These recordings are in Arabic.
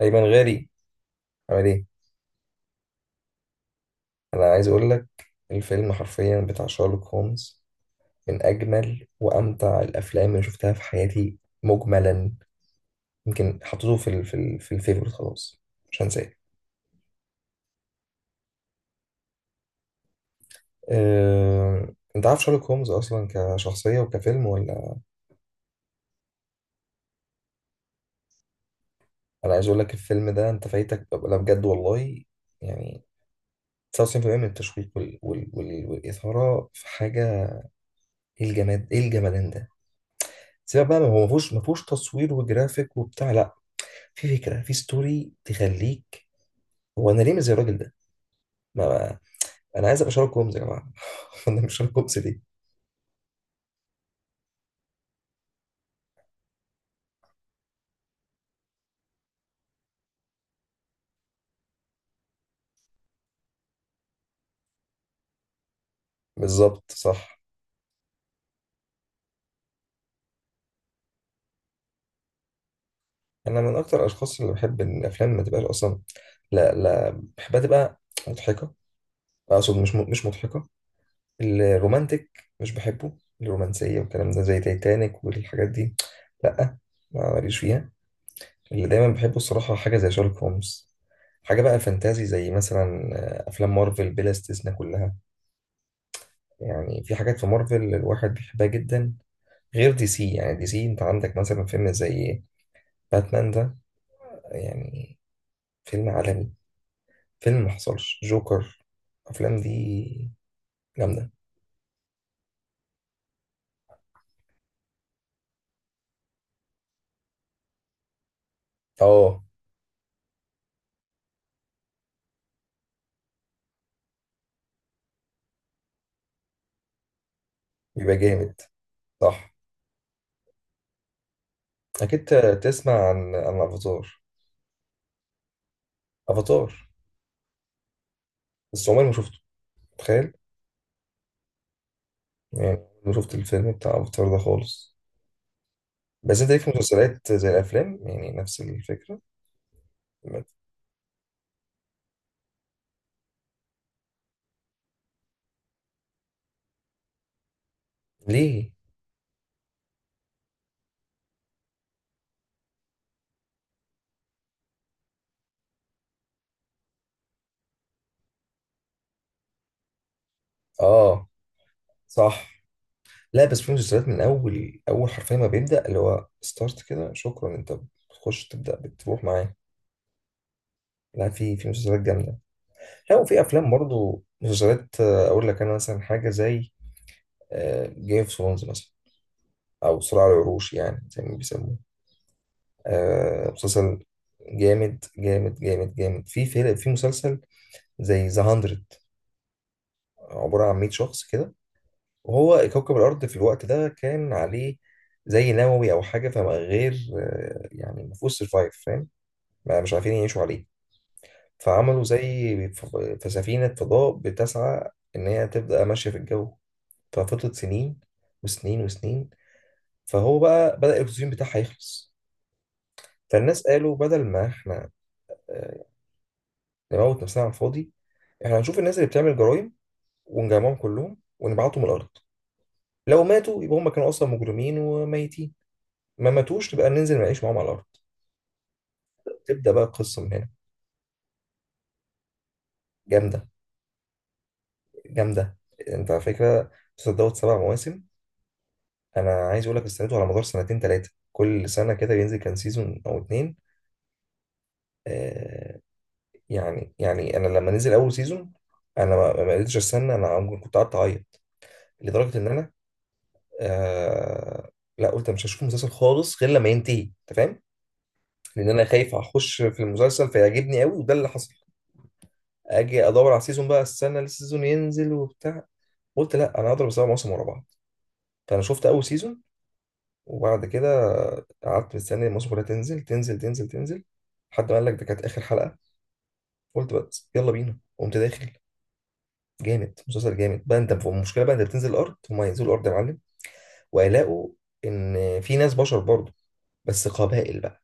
أيمن غالي، عامل إيه؟ أنا عايز أقول لك، الفيلم حرفيا بتاع شارلوك هولمز من أجمل وأمتع الأفلام اللي شفتها في حياتي مجملا. يمكن حطيته في الفيفوريت خلاص، مش هنساه. أنت عارف شارلوك هولمز أصلا كشخصية وكفيلم ولا؟ أنا عايز أقول لك، الفيلم ده أنت فايتك، لا بجد والله. يعني 99% من التشويق والإثارة في حاجة. إيه الجماد، إيه الجمدان ده؟ سيبك بقى، ما هو ما فيهوش تصوير وجرافيك وبتاع، لا. في فكره، في ستوري تخليك. هو انا ليه مش زي الراجل ده؟ ما انا عايز ابقى شارلوك هومز يا جماعه. انا مش شارلوك هومز ليه؟ بالظبط صح. انا من اكتر الاشخاص اللي بحب ان الافلام ما تبقاش اصلا، لا لا، بحبها تبقى مضحكه. اقصد مش مش مضحكه، الرومانتك مش بحبه، الرومانسيه والكلام ده زي تايتانيك والحاجات دي، لا ما ماليش فيها. اللي دايما بحبه الصراحه حاجه زي شارلوك هومز، حاجه بقى فانتازي زي مثلا افلام مارفل بلا استثناء كلها. يعني في حاجات في مارفل الواحد بيحبها جدا غير دي سي. يعني دي سي انت عندك مثلا فيلم زي باتمان ده، يعني فيلم عالمي، فيلم محصلش، جوكر، الافلام دي جامده. اه، بيبقى جامد، صح. اكيد، تسمع عن افاتار؟ افاتار، بس عمري ما شفته، تخيل. يعني ما شفت الفيلم بتاع افاتار ده خالص. بس انت ليك في مسلسلات زي الافلام، يعني نفس الفكره. ليه؟ اه صح. لا بس في مسلسلات من اول اول حرفيا ما بيبدا اللي هو ستارت كده، شكرا انت، بتخش تبدا بتروح معاه. لا في مسلسلات جامده، لا وفي افلام برضو مسلسلات. اقول لك انا مثلا حاجه زي جيم اوف ثرونز مثلا، او صراع العروش يعني زي ما بيسموه. مسلسل جامد جامد جامد جامد. في فيلم، في مسلسل زي ذا 100، عباره عن 100 شخص كده، وهو كوكب الارض في الوقت ده كان عليه زي نووي او حاجه فما غير. يعني ما فيهوش سرفايف، ما مش عارفين يعيشوا عليه. فعملوا زي في سفينة فضاء بتسعى إن هي تبدأ ماشية في الجو. ففضلت سنين وسنين وسنين، فهو بقى بدأ الأكسجين بتاعها يخلص. فالناس قالوا بدل ما إحنا آه، نموت نفسنا على الفاضي، إحنا هنشوف الناس اللي بتعمل جرائم ونجمعهم كلهم ونبعتهم الأرض. لو ماتوا يبقى هم كانوا أصلا مجرمين وميتين، ما ماتوش نبقى ننزل نعيش معاهم على الأرض. تبدأ بقى القصة من هنا. جامدة جامدة. أنت على فكرة، مسلسل دوت سبع مواسم. انا عايز اقول لك، استنيته على مدار سنتين ثلاثه، كل سنه كده بينزل كان سيزون او اتنين. آه، يعني يعني انا لما نزل اول سيزون انا ما قدرتش استنى، انا ممكن كنت قعدت اعيط لدرجه ان انا، آه، لا قلت مش هشوف المسلسل خالص غير لما ينتهي، انت فاهم؟ لان انا خايف اخش في المسلسل فيعجبني قوي وده اللي حصل. اجي ادور على السيزون بقى، استنى السيزون ينزل وبتاع. قلت لا، انا هضرب سبع مواسم ورا بعض. فانا شفت اول سيزون، وبعد كده قعدت مستني الماتش كلها تنزل تنزل تنزل تنزل، لحد ما قال لك ده كانت اخر حلقه. قلت بس يلا بينا، قمت داخل. جامد مسلسل جامد بقى. انت المشكله بقى، انت بتنزل الارض هم ينزلوا الارض يا معلم، وهيلاقوا ان في ناس بشر برضه، بس قبائل بقى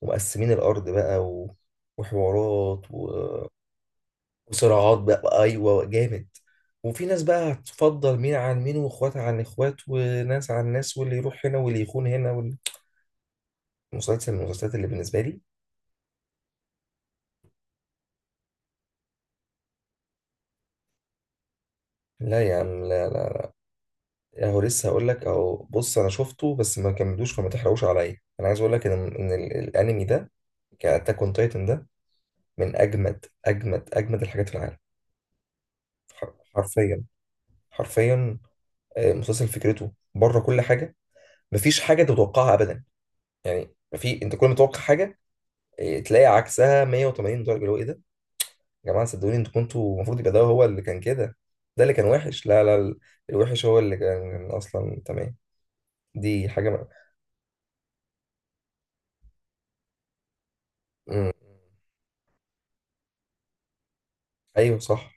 ومقسمين الارض بقى، و... وحوارات، و... وصراعات بقى، ايوه جامد. وفي ناس بقى هتفضل مين عن مين واخوات عن اخوات وناس عن ناس واللي يروح هنا واللي يخون هنا واللي... مسلسل من المسلسلات اللي بالنسبه لي. لا يا عم لا، اهو لسه هقول لك، اهو بص انا شفته بس ما كملوش فما تحرقوش عليا. انا عايز اقول لك ان ان ال- الانمي ده، كاتاك اون تايتن ده، من اجمد اجمد اجمد الحاجات في العالم. حرفيا حرفيا. مسلسل فكرته بره كل حاجه، مفيش حاجه أنت تتوقعها ابدا. يعني في انت كل ما تتوقع حاجه تلاقي عكسها 180 درجه، اللي هو ايه ده يا جماعه، صدقوني انتوا كنتوا المفروض يبقى ده هو اللي كان كده، ده اللي كان وحش. لا لا، الوحش هو اللي كان اصلا تمام. دي حاجه مم. ايوه صح.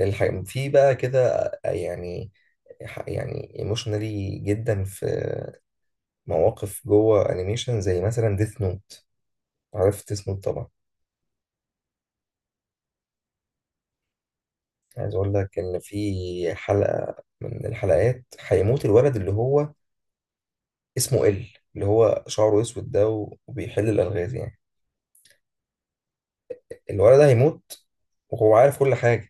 في بقى كده يعني، يعني ايموشنالي جدا، في مواقف جوه انيميشن زي مثلا ديث نوت. عرفت ديث نوت طبعا؟ عايز اقول لك ان في حلقة من الحلقات هيموت الولد اللي هو، اسمه ال، اللي هو شعره اسود ده وبيحل الالغاز يعني. الولد ده هيموت وهو عارف كل حاجة.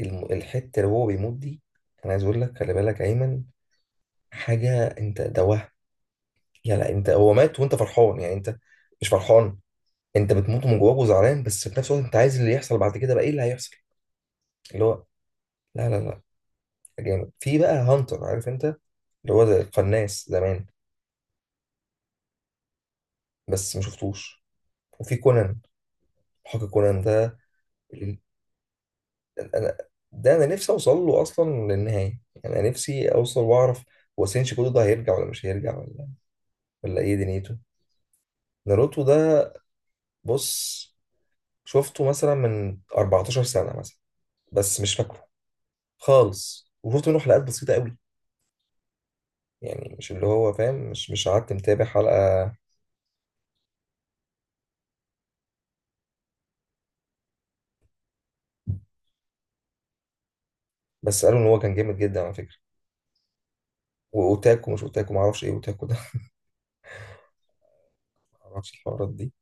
الحتة اللي هو بيموت دي، انا عايز اقول لك خلي بالك ايمن، حاجة. انت ده وهم يعني. لا، انت هو مات وانت فرحان يعني، انت مش فرحان، انت بتموت من جواك وزعلان، بس في نفس الوقت انت عايز اللي يحصل بعد كده بقى ايه اللي هيحصل اللي هو، لا لا لا، جامد. في بقى هانتر، عارف انت؟ اللي هو زي القناص زمان، بس ما شفتوش. وفي كونان، حق كونان ده اللي- انا، ده انا نفسي اوصل له اصلا للنهايه، يعني انا نفسي اوصل واعرف هو سينشي كودو ده هيرجع ولا مش هيرجع ولا ولا ايه دنيته. ناروتو ده بص، شفته مثلا من 14 سنه مثلا بس مش فاكره خالص، وشفت منه حلقات بسيطه قوي، يعني مش اللي هو فاهم، مش قعدت متابع حلقة. بس قالوا ان هو كان جامد جدا على فكرة. واوتاكو مش اوتاكو، ما اعرفش ايه اوتاكو ده. ما اعرفش الحوارات دي.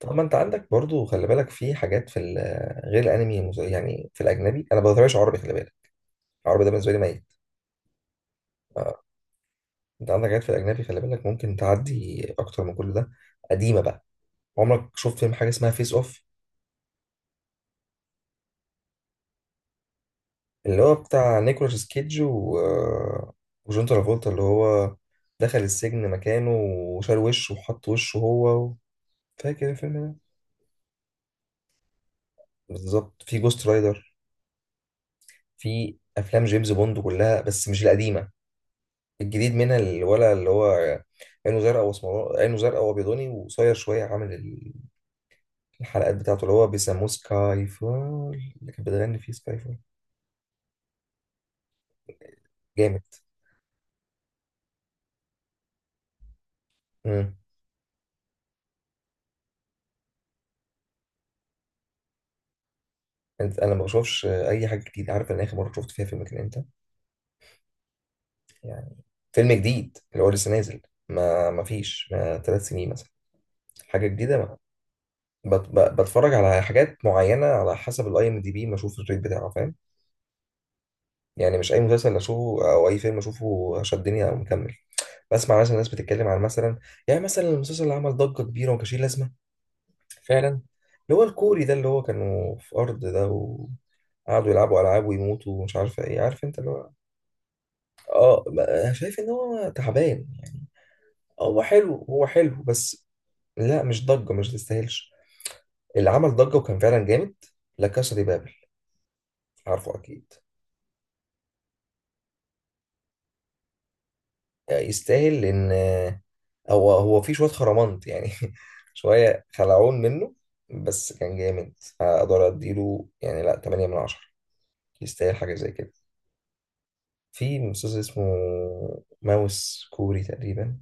طب ما انت عندك برضو خلي بالك في حاجات في غير الانمي، يعني في الاجنبي، انا ما بتابعش عربي خلي بالك، العربي ده بالنسبه لي ميت. آه، انت عندك حاجات في الاجنبي خلي بالك، ممكن تعدي اكتر من كل ده. قديمه بقى، عمرك شفت فيلم حاجه اسمها فيس اوف؟ اللي هو بتاع نيكولاس كيدج و... وجون ترافولتا، اللي هو دخل السجن مكانه وشال وشه وحط وشه هو. فاكر الفيلم ده؟ بالظبط. في جوست رايدر، في افلام جيمس بوند كلها بس مش القديمه، الجديد منها، اللي ولا اللي هو عينه زرقاء واسمراني، عينه زرقاء وابيضاني وقصير شويه عامل الحلقات بتاعته، اللي هو بيسموه سكاي فول، اللي كانت بتغني فيه سكاي فول. جامد. امم، انا ما بشوفش اي حاجه جديده. عارف انا اخر مره شفت فيها فيلم كان امتى؟ يعني فيلم جديد اللي هو لسه نازل، ما ما فيش ما ثلاث سنين مثلا، حاجه جديده. ما بتفرج على حاجات معينه على حسب الاي ام دي بي، ما اشوف الريت بتاعه، فاهم؟ يعني مش اي مسلسل اشوفه او اي فيلم اشوفه شدني او مكمل، بسمع مثلا ناس بتتكلم عن مثلا، يعني مثلا المسلسل اللي عمل ضجه كبيره وما كانش ليه لازمه فعلا، اللي هو الكوري ده، اللي هو كانوا في ارض ده وقعدوا يلعبوا العاب ويموتوا ومش عارفه ايه، عارف انت اللي هو، اه، أنا شايف ان هو تعبان يعني، هو حلو هو حلو بس لا مش ضجه، مش تستاهلش. اللي عمل ضجه وكان فعلا جامد، لا كاسا دي بابل، عارفه اكيد. يستاهل لان هو في شويه خرمانت يعني شويه خلعون منه، بس كان جامد، فاقدر اديله يعني، لا 8 من 10، يستاهل حاجه زي كده. في مسلسل اسمه ماوس كوري تقريبا،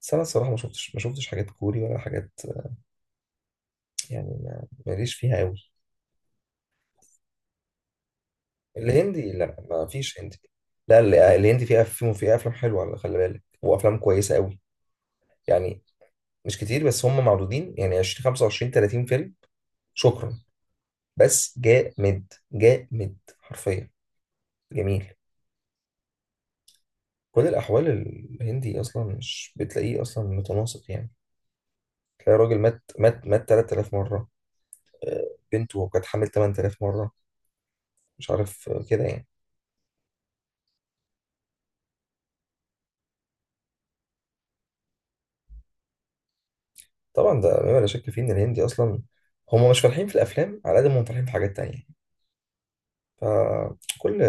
بس انا الصراحه ما شفتش حاجات كوري ولا حاجات، يعني ماليش فيها قوي. الهندي لا ما فيش هندي، لا الهندي فيه افلام، فيه افلام حلوه على خلي بالك وافلام كويسه قوي. يعني مش كتير، بس هم معدودين يعني 20 25 30 فيلم، شكرا، بس جامد جامد حرفيا. جميل كل الأحوال. الهندي أصلا مش بتلاقيه أصلا متناسق يعني، تلاقي راجل مات مات مات 3000 مرة، بنته كانت حامل 8000 مرة، مش عارف كده يعني. طبعا ده مما لا شك فيه إن الهندي أصلا هم مش فالحين في الأفلام على قد ما هم فالحين في حاجات تانية. فكل،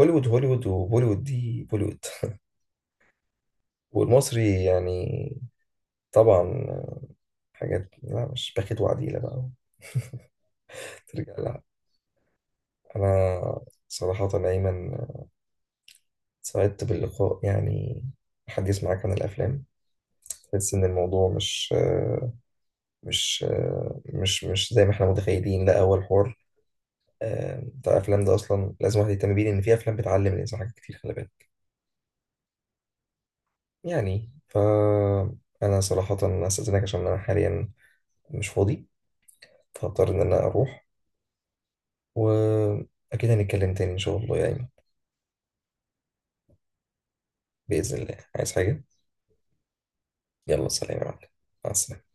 هوليوود هوليوود، وبوليوود دي بوليوود. والمصري يعني، طبعا، حاجات لا، مش باخد وعديلة بقى. ترجع، أنا صراحة أيمن سعدت باللقاء يعني، الحديث معاك عن الأفلام تحس إن الموضوع مش مش زي ما إحنا متخيلين. لا أول حوار، بتاع الأفلام ده أصلا لازم واحد يهتم بيه لأن في أفلام بتعلم الإنسان حاجات كتير خلي بالك. يعني فأنا صراحة أستأذنك عشان أنا حاليا مش فاضي، فهضطر إن أنا أروح، وأكيد هنتكلم تاني إن شاء الله يا أيمن. بإذن الله، عايز حاجة؟ يلا سلام يا معلم، مع السلامة.